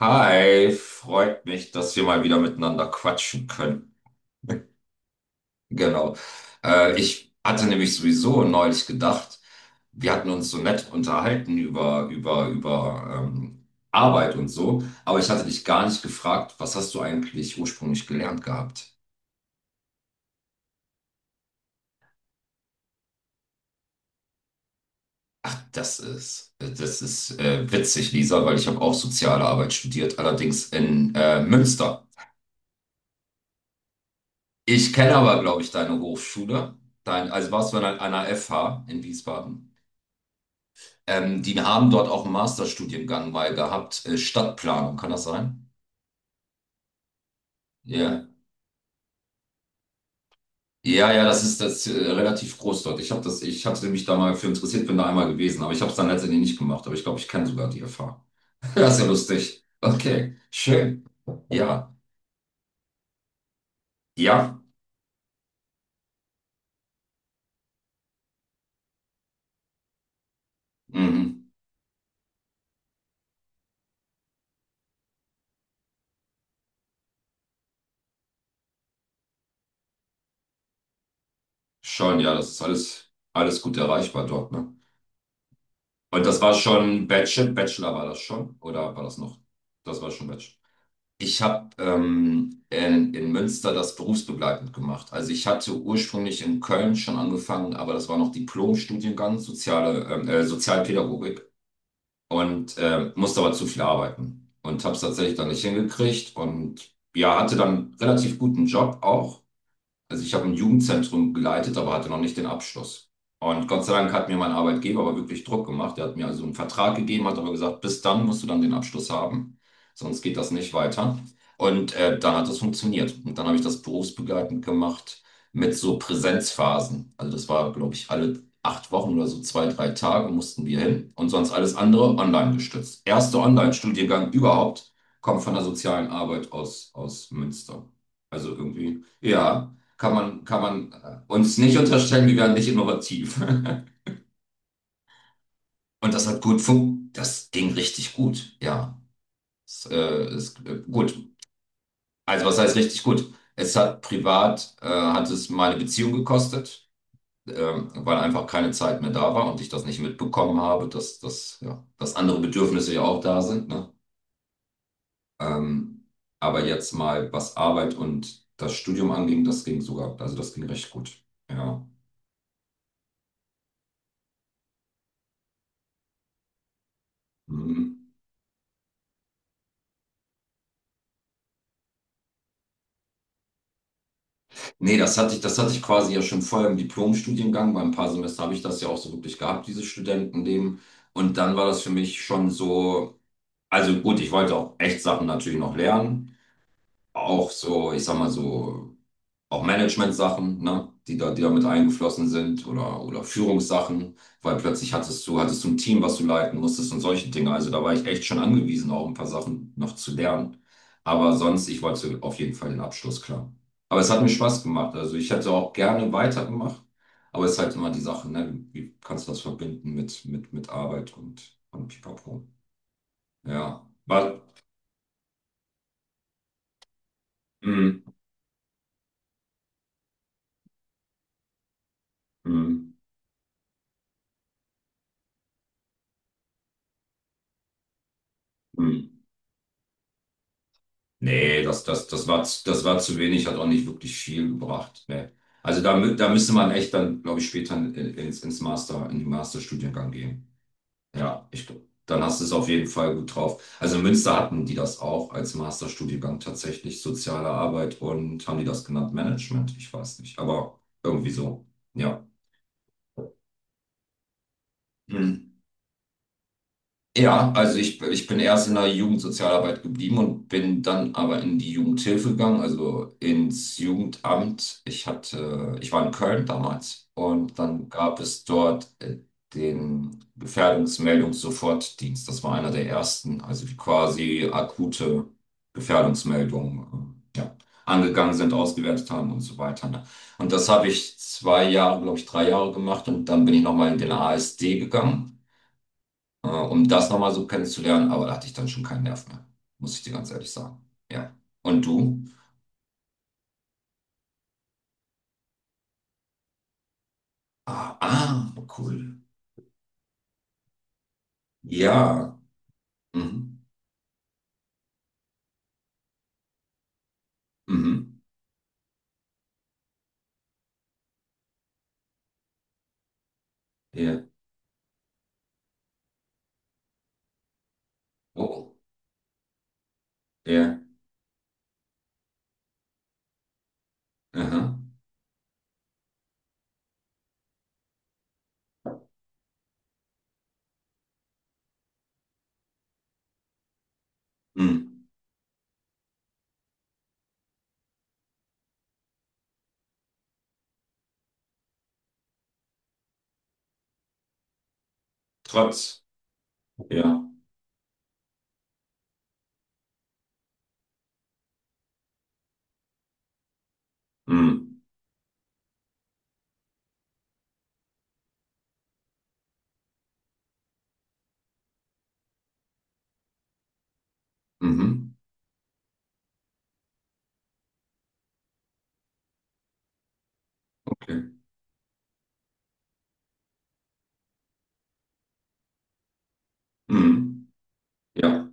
Hi, freut mich, dass wir mal wieder miteinander quatschen können. Genau. Ich hatte nämlich sowieso neulich gedacht, wir hatten uns so nett unterhalten über Arbeit und so, aber ich hatte dich gar nicht gefragt, was hast du eigentlich ursprünglich gelernt gehabt? Das ist witzig, Lisa, weil ich habe auch soziale Arbeit studiert, allerdings in Münster. Ich kenne aber, glaube ich, deine Hochschule. Dein, also warst du an einer FH in Wiesbaden? Die haben dort auch einen Masterstudiengang mal gehabt, Stadtplanung, kann das sein? Ja. Ja, ja, das ist das relativ groß dort. Ich hatte mich da mal für interessiert, bin da einmal gewesen, aber ich habe es dann letztendlich nicht gemacht. Aber ich glaube, ich kenne sogar die Erfahrung. Das ist ja lustig. Okay, schön. Ja, ja, mhm. Schon, ja, das ist alles, alles gut erreichbar dort, ne? Und das war schon Bachelor, Bachelor war das schon? Oder war das noch? Das war schon Bachelor. Ich habe in Münster das berufsbegleitend gemacht. Also ich hatte ursprünglich in Köln schon angefangen, aber das war noch Diplom-Studiengang, Sozialpädagogik und musste aber zu viel arbeiten und habe es tatsächlich dann nicht hingekriegt und ja, hatte dann relativ guten Job auch, also ich habe ein Jugendzentrum geleitet, aber hatte noch nicht den Abschluss. Und Gott sei Dank hat mir mein Arbeitgeber aber wirklich Druck gemacht. Er hat mir also einen Vertrag gegeben, hat aber gesagt, bis dann musst du dann den Abschluss haben, sonst geht das nicht weiter. Und dann hat das funktioniert. Und dann habe ich das berufsbegleitend gemacht mit so Präsenzphasen. Also das war, glaube ich, alle acht Wochen oder so zwei, drei Tage mussten wir hin und sonst alles andere online gestützt. Erster Online-Studiengang überhaupt kommt von der sozialen Arbeit aus, aus Münster. Also irgendwie, ja, kann man uns nicht unterstellen, wir wären nicht innovativ. Und das hat gut funktioniert, das ging richtig gut, ja. Es ist gut. Also was heißt richtig gut? Es hat privat, hat es meine Beziehung gekostet, weil einfach keine Zeit mehr da war und ich das nicht mitbekommen habe, dass andere Bedürfnisse ja auch da sind, ne? Ähm, aber jetzt mal, was Arbeit und das Studium anging, das ging sogar, also das ging recht gut. Ja. Mhm. Nee, das hatte ich quasi ja schon vorher im Diplomstudiengang. Bei ein paar Semester habe ich das ja auch so wirklich gehabt, dieses Studentenleben. Und dann war das für mich schon so, also gut, ich wollte auch echt Sachen natürlich noch lernen. Auch so, ich sag mal so, auch Management-Sachen, ne, die da mit eingeflossen sind oder Führungssachen, weil plötzlich hattest du ein Team, was du leiten musstest und solche Dinge. Also da war ich echt schon angewiesen, auch ein paar Sachen noch zu lernen. Aber sonst, ich wollte auf jeden Fall den Abschluss, klar. Aber es hat mir Spaß gemacht. Also ich hätte auch gerne weitergemacht, aber es ist halt immer die Sache, ne, wie kannst du das verbinden mit Arbeit und Pipapo? Ja, was? mm, mm, mm. Nee, das war zu wenig, hat auch nicht wirklich viel gebracht. Nee. Also da müsste man echt dann, glaube ich, später in den Masterstudiengang gehen. Ja, ich glaube, dann hast du es auf jeden Fall gut drauf. Also in Münster hatten die das auch als Masterstudiengang tatsächlich, soziale Arbeit, und haben die das genannt Management? Ich weiß nicht, aber irgendwie so. Ja. Mhm. Ja, also ich bin erst in der Jugendsozialarbeit geblieben und bin dann aber in die Jugendhilfe gegangen, also ins Jugendamt. Ich hatte, ich war in Köln damals und dann gab es dort den Gefährdungsmeldungssofortdienst. Das war einer der ersten, also die quasi akute Gefährdungsmeldungen, ja, angegangen sind, ausgewertet haben und so weiter. Ne? Und das habe ich zwei Jahre, glaube ich, drei Jahre gemacht und dann bin ich nochmal in den ASD gegangen, um das nochmal so kennenzulernen, aber da hatte ich dann schon keinen Nerv mehr, muss ich dir ganz ehrlich sagen. Ja. Und du? Ah, ah, cool. Ja. Mhm. Mhm. Ja. Oh. Ja. Aha. Mhm. Trotz. Ja. Mhm. Mhm. Okay. Mhm. Ja.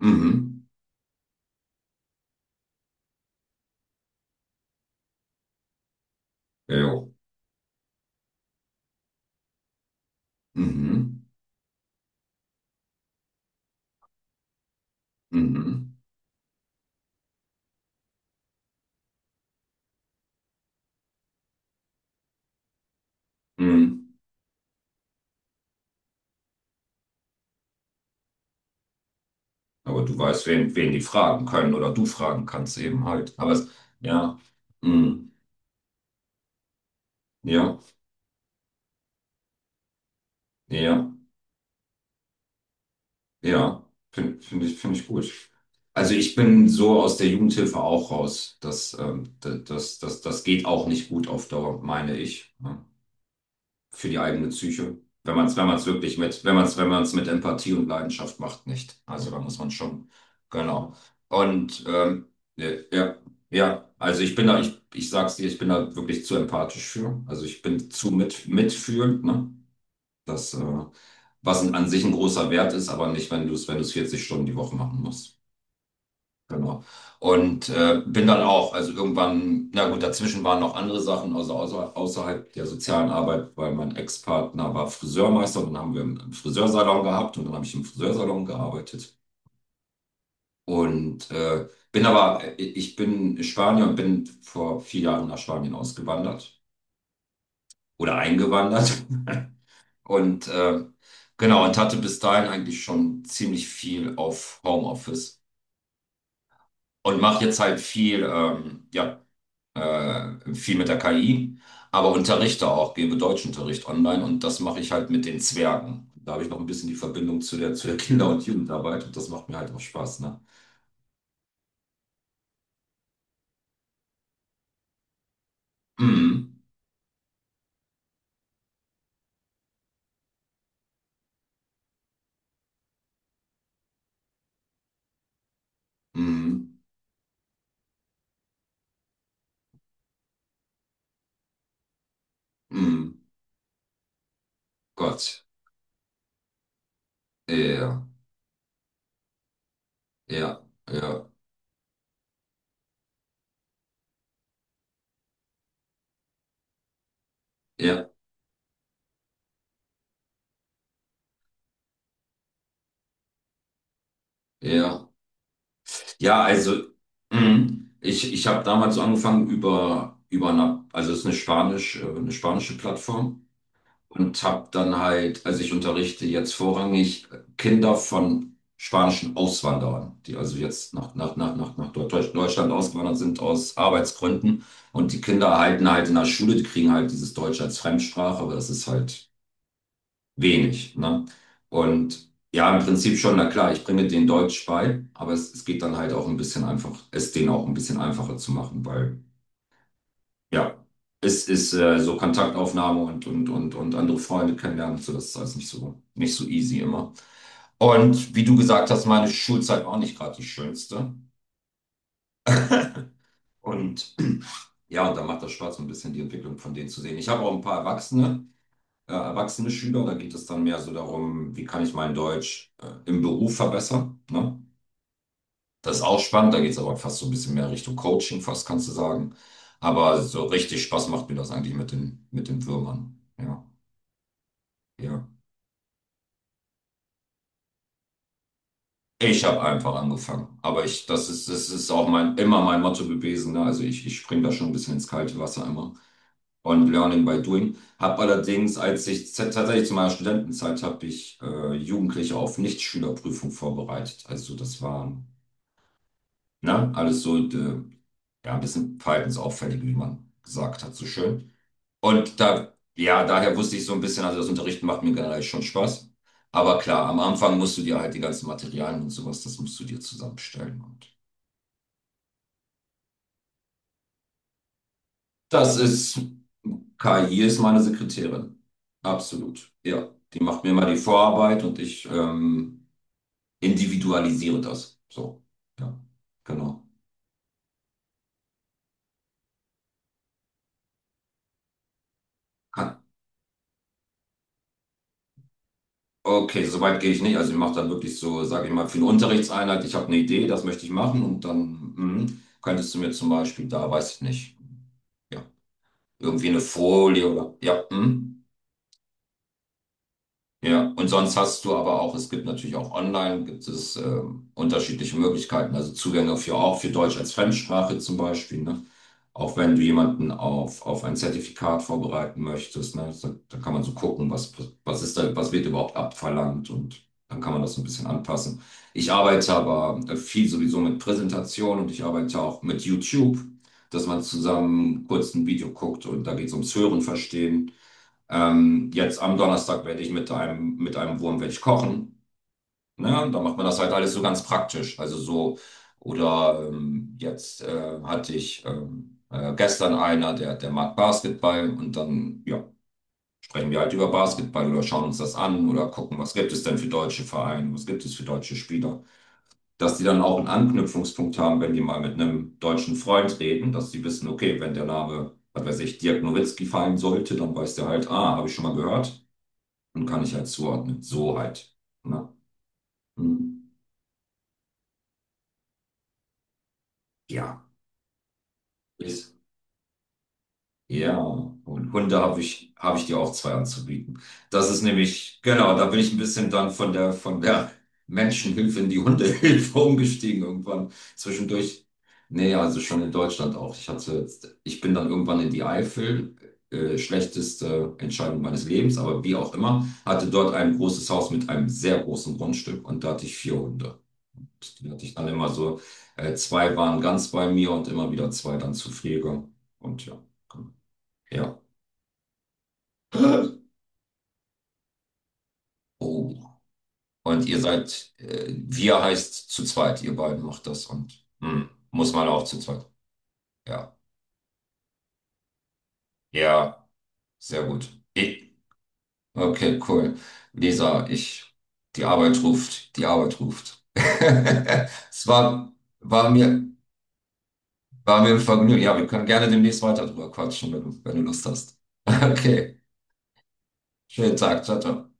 Mhm. Ja. Mhm. Mhm. Mhm. Aber du weißt, wen, wen die fragen können oder du fragen kannst eben halt. Aber es, ja. Mhm. Ja. Ja. Ja, finde ich gut. Also ich bin so aus der Jugendhilfe auch raus. Das geht auch nicht gut auf Dauer, meine ich, ne? Für die eigene Psyche. Wenn man es, wenn man es wirklich mit, wenn man es, wenn man es mit Empathie und Leidenschaft macht, nicht. Also da muss man schon, genau. Und ja, ja, ja. also ich bin da, ich sag's dir, ich bin da wirklich zu empathisch für. Also ich bin zu mitfühlend, ne? Das, äh, Was an sich ein großer Wert ist, aber nicht, wenn du es 40 Stunden die Woche machen musst. Genau. Und bin dann auch, also irgendwann, na gut, dazwischen waren noch andere Sachen, also außerhalb der sozialen Arbeit, weil mein Ex-Partner war Friseurmeister und dann haben wir einen Friseursalon gehabt und dann habe ich im Friseursalon gearbeitet. Und ich bin Spanier und bin vor vier Jahren nach Spanien ausgewandert oder eingewandert. Und genau, und hatte bis dahin eigentlich schon ziemlich viel auf Homeoffice und mache jetzt halt viel, viel mit der KI, aber unterrichte auch, gebe Deutschunterricht online, und das mache ich halt mit den Zwergen. Da habe ich noch ein bisschen die Verbindung zu der Kinder- und Jugendarbeit, und das macht mir halt auch Spaß, ne? Mm, mm, mm, Gott. Ja, ja, ja, ja, ja. Ja, also mhm. Ich habe damals so angefangen über eine, also es ist eine Spanisch, eine spanische Plattform, und habe dann halt, also ich unterrichte jetzt vorrangig Kinder von spanischen Auswanderern, die also jetzt nach Deutschland ausgewandert sind aus Arbeitsgründen, und die Kinder erhalten halt in der Schule, die kriegen halt dieses Deutsch als Fremdsprache, aber das ist halt wenig, ne? Und ja, im Prinzip schon, na klar, ich bringe denen Deutsch bei, aber es geht dann halt auch ein bisschen einfach, es denen auch ein bisschen einfacher zu machen, weil ja, es ist so Kontaktaufnahme und andere Freunde kennenlernen, und so, das ist alles nicht so, nicht so easy immer. Und wie du gesagt hast, meine Schulzeit war auch nicht gerade die schönste. Und ja, und da macht das Spaß, so ein bisschen die Entwicklung von denen zu sehen. Ich habe auch ein paar Erwachsene. Erwachsene Schüler. Da geht es dann mehr so darum, wie kann ich mein Deutsch im Beruf verbessern. Ne? Das ist auch spannend, da geht es aber fast so ein bisschen mehr Richtung Coaching, fast kannst du sagen. Aber so richtig Spaß macht mir das eigentlich mit den Würmern. Ja, ja. Ich habe einfach angefangen. Aber ich, das ist auch mein, immer mein Motto gewesen. Ne? Also ich springe da schon ein bisschen ins kalte Wasser immer. Und Learning by Doing. Habe allerdings, tatsächlich zu meiner Studentenzeit, habe ich Jugendliche auf Nichtschülerprüfung vorbereitet. Also das war, ne, alles so ja, ein bisschen verhaltensauffällig, wie man gesagt hat, so schön. Und da, ja, daher wusste ich so ein bisschen, also das Unterrichten macht mir generell schon Spaß. Aber klar, am Anfang musst du dir halt die ganzen Materialien und sowas, das musst du dir zusammenstellen. Das ist, KI ist meine Sekretärin. Absolut. Ja, die macht mir mal die Vorarbeit und ich individualisiere das. So, ja, genau. Ah, Okay, so weit gehe ich nicht. Also ich mache dann wirklich so, sage ich mal, für eine Unterrichtseinheit, ich habe eine Idee, das möchte ich machen, und dann mhm, könntest du mir zum Beispiel da, weiß ich nicht, ja, irgendwie eine Folie oder, ja, mhm. Ja, und sonst hast du aber auch, es gibt natürlich auch online, gibt es unterschiedliche Möglichkeiten, also Zugänge für auch für Deutsch als Fremdsprache zum Beispiel, ne? Auch wenn du jemanden auf ein Zertifikat vorbereiten möchtest, ne? Da kann man so gucken, was ist da, was wird überhaupt abverlangt, und dann kann man das so ein bisschen anpassen. Ich arbeite aber viel sowieso mit Präsentation, und ich arbeite auch mit YouTube, dass man zusammen kurz ein Video guckt und da geht es ums Hören, Verstehen. Jetzt am Donnerstag werde ich mit einem Wurm werde ich kochen. Ne? Und da macht man das halt alles so ganz praktisch. Also so, oder jetzt hatte ich gestern einer, der mag Basketball und dann ja, sprechen wir halt über Basketball oder schauen uns das an oder gucken, was gibt es denn für deutsche Vereine, was gibt es für deutsche Spieler. Dass die dann auch einen Anknüpfungspunkt haben, wenn die mal mit einem deutschen Freund reden, dass die wissen, okay, wenn der Name, was weiß ich, Dirk Nowitzki fallen sollte, dann weiß der halt, ah, habe ich schon mal gehört und kann ich halt zuordnen. So halt. Ne? Hm. Ja, ist. Ja, und Hunde habe ich dir auch zwei anzubieten. Das ist nämlich, genau, da bin ich ein bisschen dann von der Menschenhilfe in die Hundehilfe umgestiegen irgendwann. Zwischendurch, nee, also schon in Deutschland auch. Ich hatte, jetzt- ich bin dann irgendwann in die Eifel, schlechteste Entscheidung meines Lebens, aber wie auch immer, hatte dort ein großes Haus mit einem sehr großen Grundstück und da hatte ich vier Hunde. Die hatte ich dann immer so, zwei waren ganz bei mir und immer wieder zwei dann zu Pflege. Und ja, genau. Ja. Oh. Und ihr seid, wir heißt zu zweit, ihr beiden macht das, und hm, muss man auch zu zweit. Ja, ja, sehr gut. Ich, okay, cool. Lisa, ich, die Arbeit ruft, die Arbeit ruft. Es war, war mir, war mir ein Vergnügen. Ja, wir können gerne demnächst weiter drüber quatschen, wenn du Lust hast. Okay, schönen Tag, ciao, ciao.